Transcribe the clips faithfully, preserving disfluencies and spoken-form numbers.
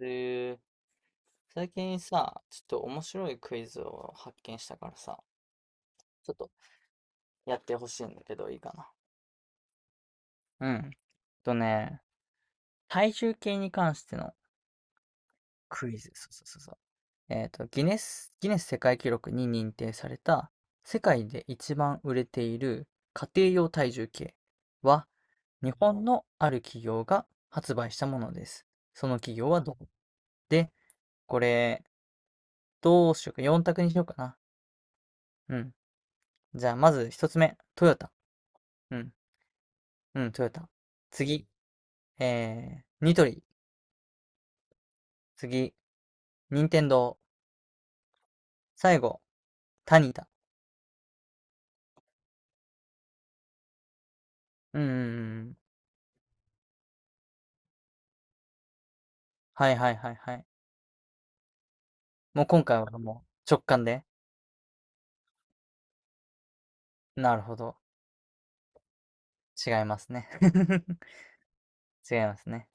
え最近さ、ちょっと面白いクイズを発見したからさ、ちょっとやってほしいんだけどいいかな。うん。えっとね、体重計に関してのクイズ。そうそうそうそう。えっと、ギネス、ギネス世界記録に認定された世界で一番売れている家庭用体重計は日本のある企業が発売したものです。その企業はどこで、これ、どうしようか、四択にしようかな。うん。じゃあ、まず一つ目、トヨタ。うん、うん、トヨタ。次、えー、ニトリ。次、ニンテンドー。最後、タニタ。うんうんうん。はいはいはいはい。もう今回はもう直感で。なるほど。違いますね。違いますね。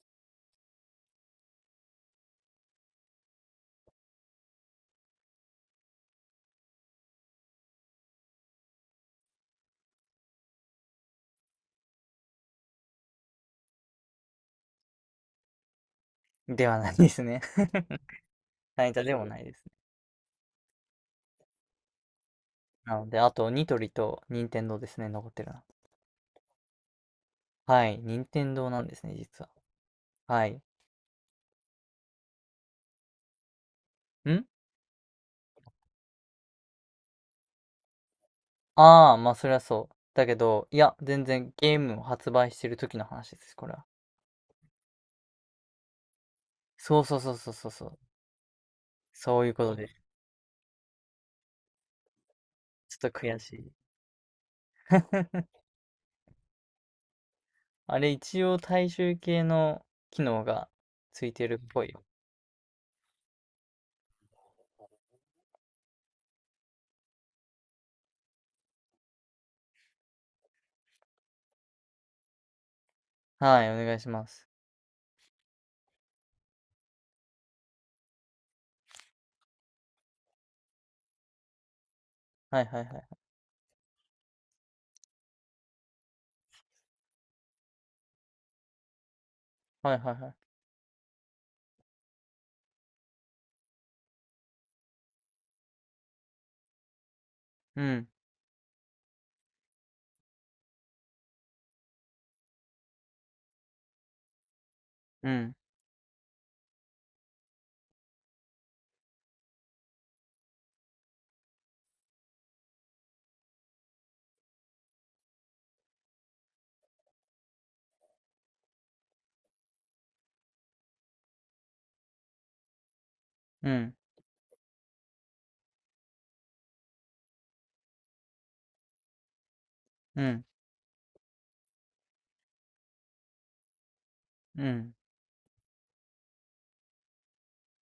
ではないですね。タニタでもないですね。なので、あと、ニトリとニンテンドーですね。残ってるな。はい。ニンテンドーなんですね、実は。はい。ん、ああ、まあそりゃそう。だけど、いや、全然ゲームを発売してる時の話です、これは。そうそうそうそうそうそう。そういうことです。ちょっと悔しい。あれ、一応大衆系の機能がついてるっぽいよ。はい、お願いします。はいはいはい。はいはいはい。うん、うん、うん、うん、うん。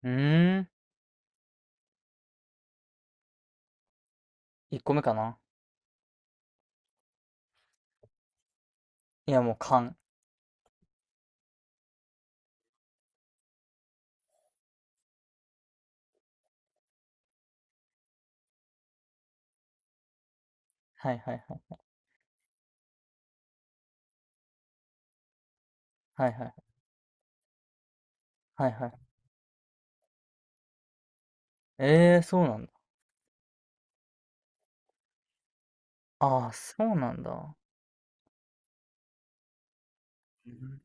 うーん。いっこめかな。いや、もう勘。はいはいはい。はいはいはい。はいはい。ええー、そうなんだ。ああ、そうなんだ。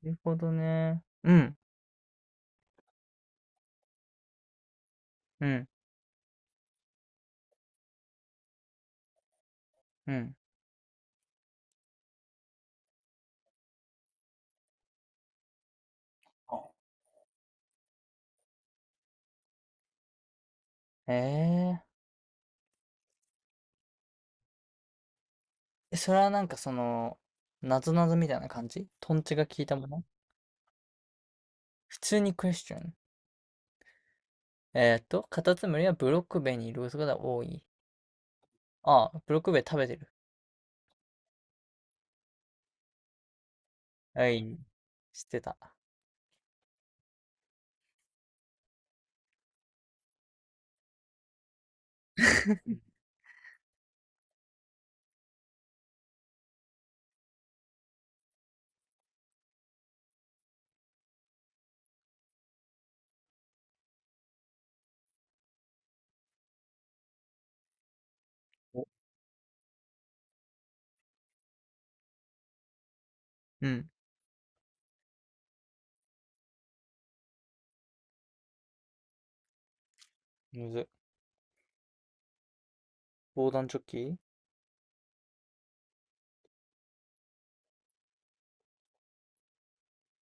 なるほどね。うん、うん。うん。ええ、え、それはなんかその、なぞなぞみたいな感じ、トンチが効いたもの？普通にクエスチョン。えーっと、カタツムリはブロックベにいることが多い。ああ、ブロックベ食べてる。はい。知ってた。お、うん。むず。防弾チョッキ。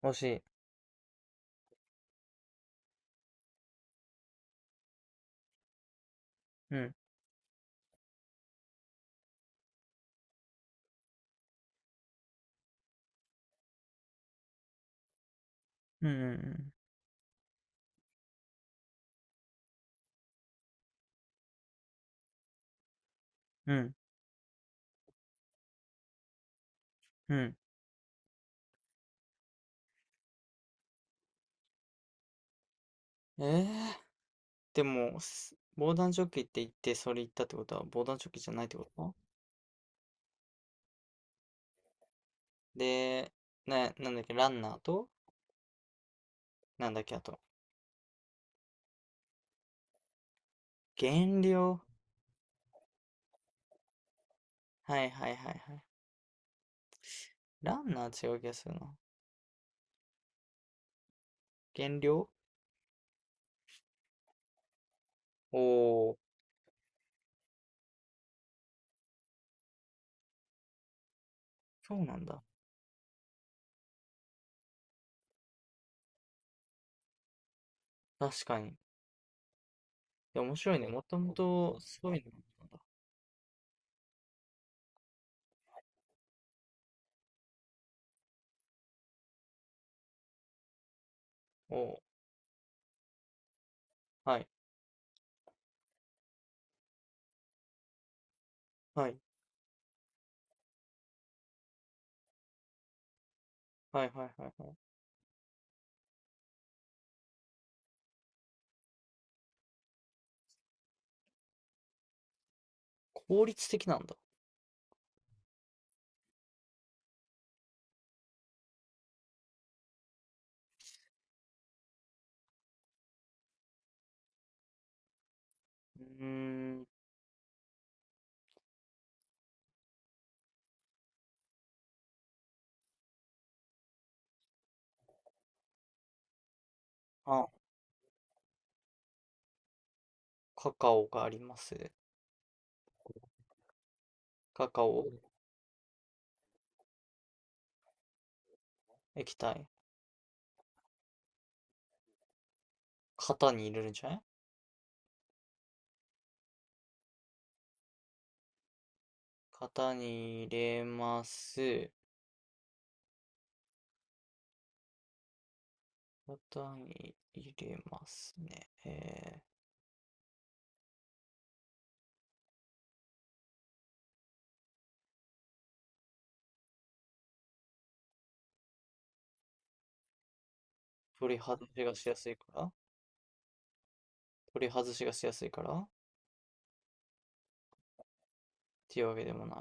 惜しい。うん。うんうんうん。うん。うん。ええ、でも、す防弾チョッキって言って、それ言ったってことは、防弾チョッキじゃないってことで、な、なんだっけ、ランナーと、なんだっけ、あと、減量。はいはいはいはい。ランナー違う気がするな。減量。おー、そうなんだ。確かに。いや、面白いね。もともとそういうのなんだ。おー、はい。はい。はいはいはいはい。効率的なんだ。うーん。あ、カカオがあります。カカオ。液体。型に入れるんじゃない？型に入れます。型に入れますね。えー、取り外しがしやすいから。取り外しがしやすいからっていうわけでもない。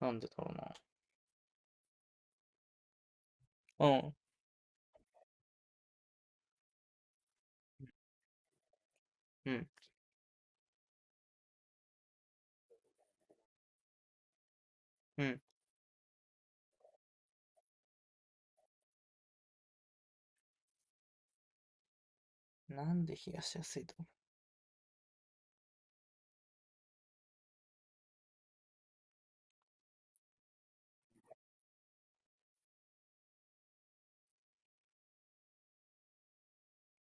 なんでだろうな。うん、うん、うん。なんで冷やしやすいと思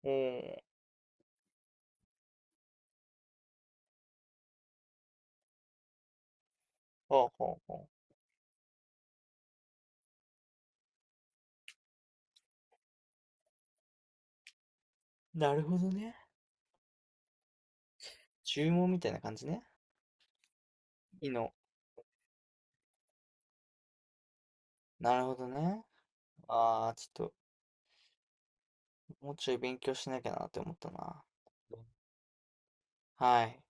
う？おお、ほうほうほう。なるほどね。注文みたいな感じね。いいの。なるほどね。ああ、ちょっと、もうちょい勉強しなきゃなって思ったな。はい。